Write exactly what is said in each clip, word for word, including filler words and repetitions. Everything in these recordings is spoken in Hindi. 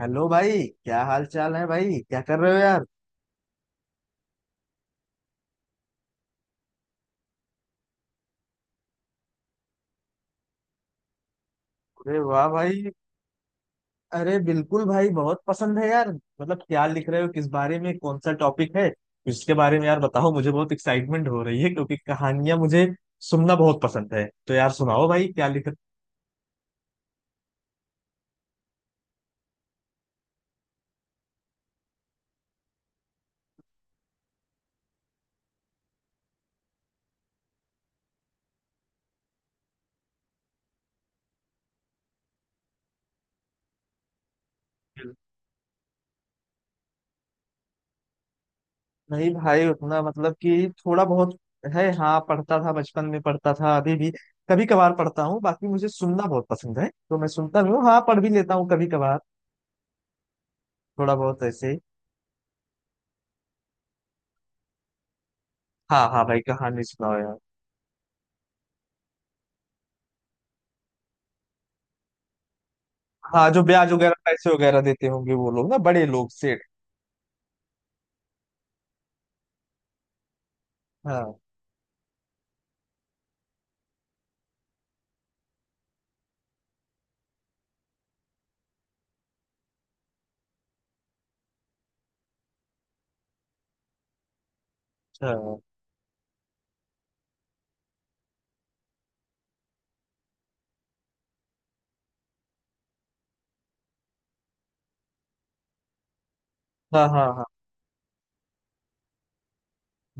हेलो भाई, क्या हाल चाल है भाई? क्या कर रहे हो यार? अरे वाह भाई! अरे बिल्कुल भाई, बहुत पसंद है यार। मतलब क्या लिख रहे हो, किस बारे में, कौन सा टॉपिक है इसके बारे में यार बताओ। मुझे बहुत एक्साइटमेंट हो रही है क्योंकि कहानियां मुझे सुनना बहुत पसंद है। तो यार सुनाओ भाई क्या लिख रहे हो। नहीं भाई उतना मतलब कि थोड़ा बहुत है। हाँ, पढ़ता था बचपन में, पढ़ता था, अभी भी कभी कभार पढ़ता हूँ। बाकी मुझे सुनना बहुत पसंद है तो मैं सुनता भी हूँ, हाँ पढ़ भी लेता हूँ कभी कभार, थोड़ा बहुत ऐसे। हाँ हाँ भाई कहानी सुनाओ यार। हाँ, जो ब्याज वगैरह पैसे वगैरह देते होंगे वो लोग ना, बड़े लोग, सेठ। हाँ। अच्छा। हाँ हाँ हाँ।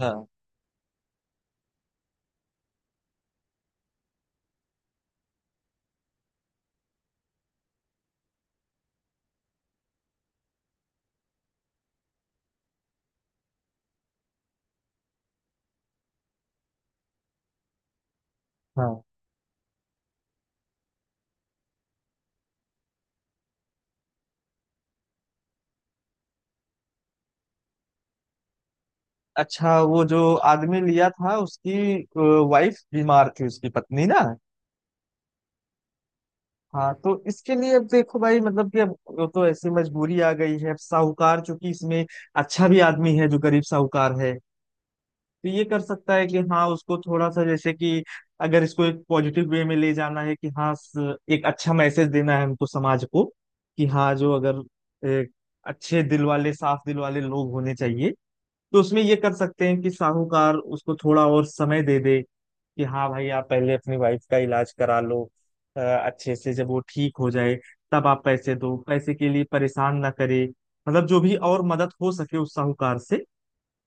हाँ। हाँ। अच्छा, वो जो आदमी लिया था, उसकी वाइफ बीमार थी, उसकी पत्नी ना। हाँ, तो इसके लिए अब देखो भाई, मतलब कि अब वो तो ऐसी मजबूरी आ गई है। अब साहूकार, चूंकि इसमें अच्छा भी आदमी है जो गरीब साहूकार है, तो ये कर सकता है कि हाँ उसको थोड़ा सा जैसे कि, अगर इसको एक पॉजिटिव वे में ले जाना है कि हाँ, स- एक अच्छा मैसेज देना है हमको समाज को कि हाँ जो, अगर एक अच्छे दिल वाले साफ दिल वाले लोग होने चाहिए, तो उसमें ये कर सकते हैं कि साहूकार उसको थोड़ा और समय दे दे कि हाँ भाई आप पहले अपनी वाइफ का इलाज करा लो। अ, अच्छे से जब वो ठीक हो जाए तब आप पैसे दो, पैसे के लिए परेशान ना करे। मतलब जो भी और मदद हो सके उस साहूकार से,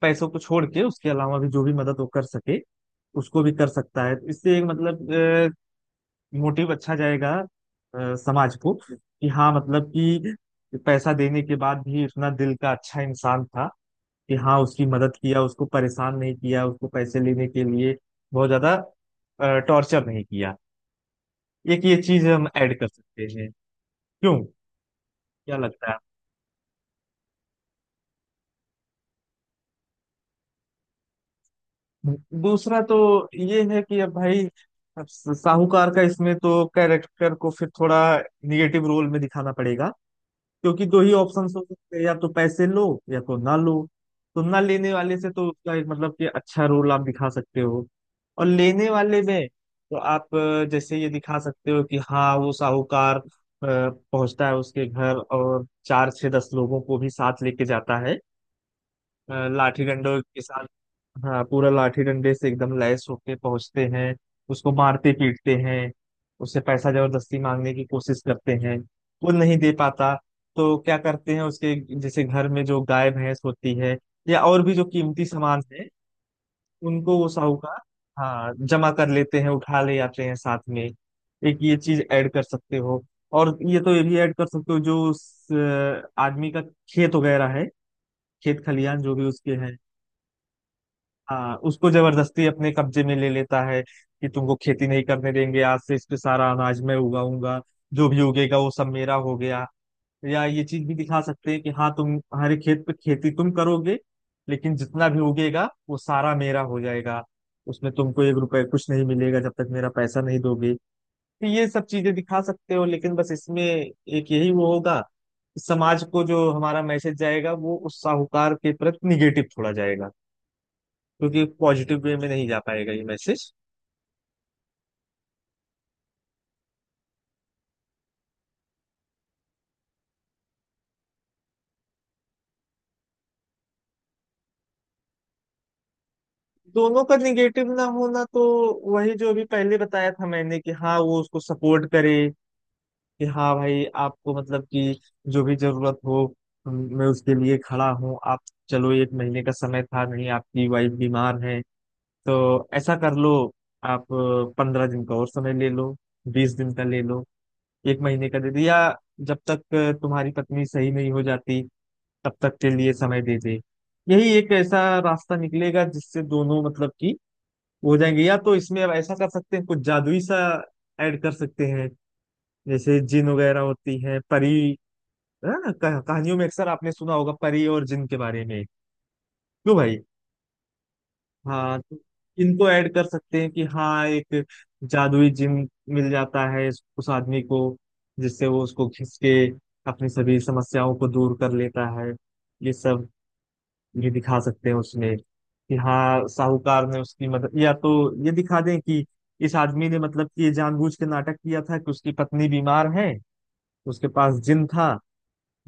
पैसों को छोड़ के उसके अलावा भी जो भी मदद वो कर सके उसको भी कर सकता है। तो इससे एक मतलब मोटिव अच्छा जाएगा अ, समाज को कि हाँ मतलब कि पैसा देने के बाद भी उतना दिल का अच्छा इंसान था कि हाँ उसकी मदद किया, उसको परेशान नहीं किया, उसको पैसे लेने के लिए बहुत ज्यादा टॉर्चर नहीं किया। एक ये चीज हम ऐड कर सकते हैं। क्यों? क्या लगता है? दूसरा तो ये है कि अब भाई, अब साहूकार का इसमें तो कैरेक्टर को फिर थोड़ा निगेटिव रोल में दिखाना पड़ेगा। क्योंकि दो ही ऑप्शंस हो सकते हैं, या तो पैसे लो या तो ना लो। तो ना लेने वाले से तो उसका एक मतलब कि अच्छा रोल आप दिखा सकते हो, और लेने वाले में तो आप अ, जैसे ये दिखा सकते हो कि हाँ वो साहूकार अ, पहुंचता है उसके घर और चार छह दस लोगों को भी साथ लेके जाता है, अ, लाठी डंडों के साथ। हाँ, पूरा लाठी डंडे से एकदम लैस होके पहुंचते हैं, उसको मारते पीटते हैं, उससे पैसा जबरदस्ती मांगने की कोशिश करते हैं। वो नहीं दे पाता तो क्या करते हैं, उसके जैसे घर में जो गाय भैंस होती है या और भी जो कीमती सामान है, उनको वो साहूकार, हाँ, जमा कर लेते हैं, उठा ले आते हैं साथ में। एक ये चीज ऐड कर सकते हो। और ये तो ये भी ऐड कर सकते हो जो उस अ, आदमी का खेत वगैरह है, खेत खलियान जो भी उसके हैं। हाँ, उसको जबरदस्ती अपने कब्जे में ले लेता है कि तुमको खेती नहीं करने देंगे, आज से इस पे सारा अनाज मैं उगाऊंगा, जो भी उगेगा वो सब मेरा हो गया। या ये चीज भी दिखा सकते हैं कि हाँ तुम हमारे खेत पे खेती तुम करोगे लेकिन जितना भी उगेगा वो सारा मेरा हो जाएगा, उसमें तुमको एक रुपए कुछ नहीं मिलेगा जब तक मेरा पैसा नहीं दोगे। तो ये सब चीजें दिखा सकते हो, लेकिन बस इसमें एक यही वो होगा, समाज को जो हमारा मैसेज जाएगा वो उस साहूकार के प्रति निगेटिव थोड़ा जाएगा क्योंकि पॉजिटिव वे में नहीं जा पाएगा ये मैसेज। दोनों का निगेटिव ना होना तो वही जो अभी पहले बताया था मैंने, कि हाँ वो उसको सपोर्ट करे कि हाँ भाई आपको मतलब कि जो भी जरूरत हो मैं उसके लिए खड़ा हूँ। आप, चलो एक महीने का समय था, नहीं, आपकी वाइफ बीमार है तो ऐसा कर लो, आप पंद्रह दिन का और समय ले लो, बीस दिन का ले लो, एक महीने का दे दो, या जब तक तुम्हारी पत्नी सही नहीं हो जाती तब तक के लिए समय दे दे। यही एक ऐसा रास्ता निकलेगा जिससे दोनों मतलब कि हो जाएंगे। या तो इसमें अब ऐसा कर सकते हैं कुछ जादुई सा ऐड कर सकते हैं, जैसे जिन वगैरह होती हैं, परी, है ना, कह- कहानियों में अक्सर आपने सुना होगा परी और जिन के बारे में। क्यों भाई? हाँ, तो इनको ऐड कर सकते हैं कि हाँ एक जादुई जिन मिल जाता है इस- उस आदमी को, जिससे वो उसको खींच के अपनी सभी समस्याओं को दूर कर लेता है। ये सब ये दिखा सकते हैं उसमें कि हाँ साहूकार ने उसकी मदद, या तो ये दिखा दें कि इस आदमी ने मतलब कि ये जानबूझ के नाटक किया था कि उसकी पत्नी बीमार है, उसके पास जिन था,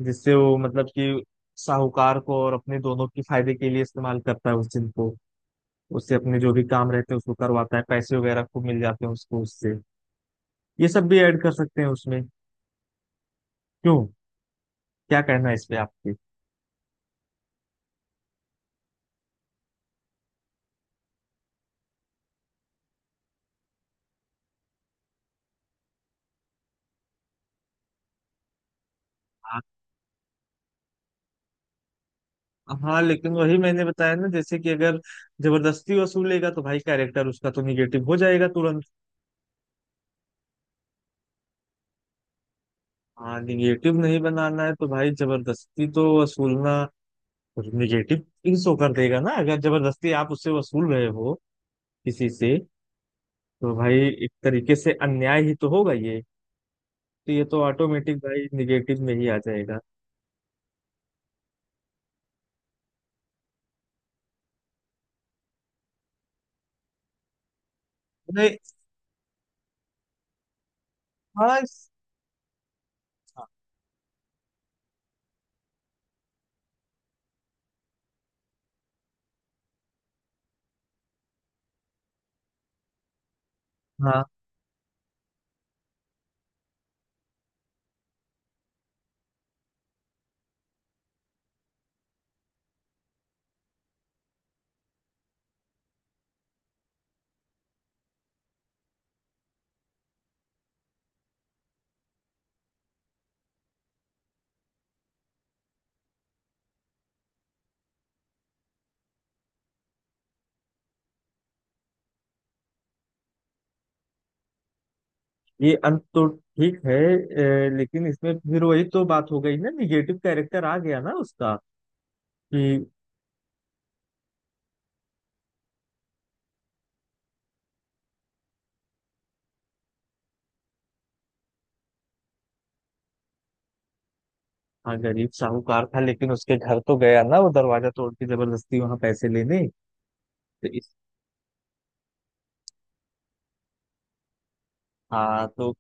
जिससे वो मतलब कि साहूकार को और अपने दोनों के फायदे के लिए इस्तेमाल करता है उस जिन को, उससे अपने जो भी काम रहते हैं उसको करवाता है, पैसे वगैरह खूब मिल जाते हैं उसको उससे। ये सब भी ऐड कर सकते हैं उसमें। क्यों? क्या कहना है इस पे आपके? हाँ लेकिन वही मैंने बताया ना जैसे कि अगर जबरदस्ती वसूलेगा तो भाई कैरेक्टर उसका तो निगेटिव हो जाएगा तुरंत। हाँ, निगेटिव नहीं बनाना है तो भाई जबरदस्ती तो वसूलना निगेटिव शो कर देगा ना, अगर जबरदस्ती आप उससे वसूल रहे हो किसी से, तो भाई एक तरीके से अन्याय ही तो होगा ये। तो ये तो ऑटोमेटिक भाई निगेटिव में ही आ जाएगा। नहीं। हाँ, इस- हाँ ये अंत तो ठीक है। अ, लेकिन इसमें फिर वही तो बात हो गई ना, निगेटिव कैरेक्टर आ गया ना उसका कि, हाँ गरीब साहूकार था लेकिन उसके घर तो गया ना वो, दरवाजा तोड़ के जबरदस्ती वहां पैसे लेने। तो इस हाँ तो,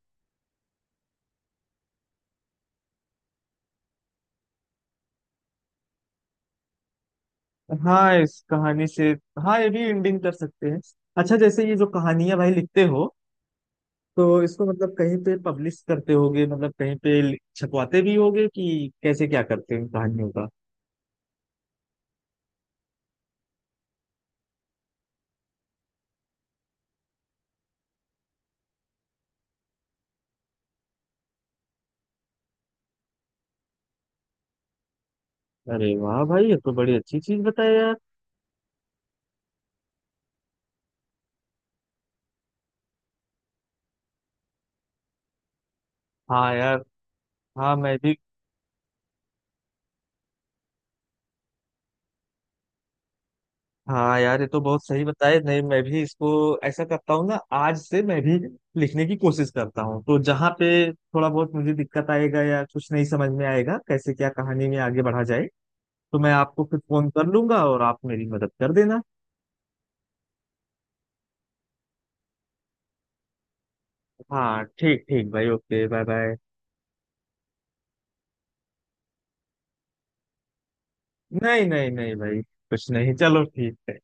हाँ इस कहानी से, हाँ ये भी एंडिंग कर सकते हैं। अच्छा, जैसे ये जो कहानियां भाई लिखते हो, तो इसको मतलब कहीं पे पब्लिश करते होगे, मतलब कहीं पे लि- छपवाते भी होगे कि कैसे क्या करते हैं इन कहानियों का। अरे वाह भाई, ये तो बड़ी अच्छी चीज बताया यार। हाँ यार। हाँ मैं भी। हाँ यार, ये तो बहुत सही बताया। नहीं मैं भी इसको ऐसा करता हूँ ना, आज से मैं भी लिखने की कोशिश करता हूँ, तो जहाँ पे थोड़ा बहुत मुझे दिक्कत आएगा या कुछ नहीं समझ में आएगा कैसे क्या कहानी में आगे बढ़ा जाए, तो मैं आपको फिर फोन कर लूंगा और आप मेरी मदद कर देना। हाँ ठीक ठीक भाई, ओके, बाय बाय। नहीं नहीं नहीं भाई कुछ नहीं, चलो ठीक है।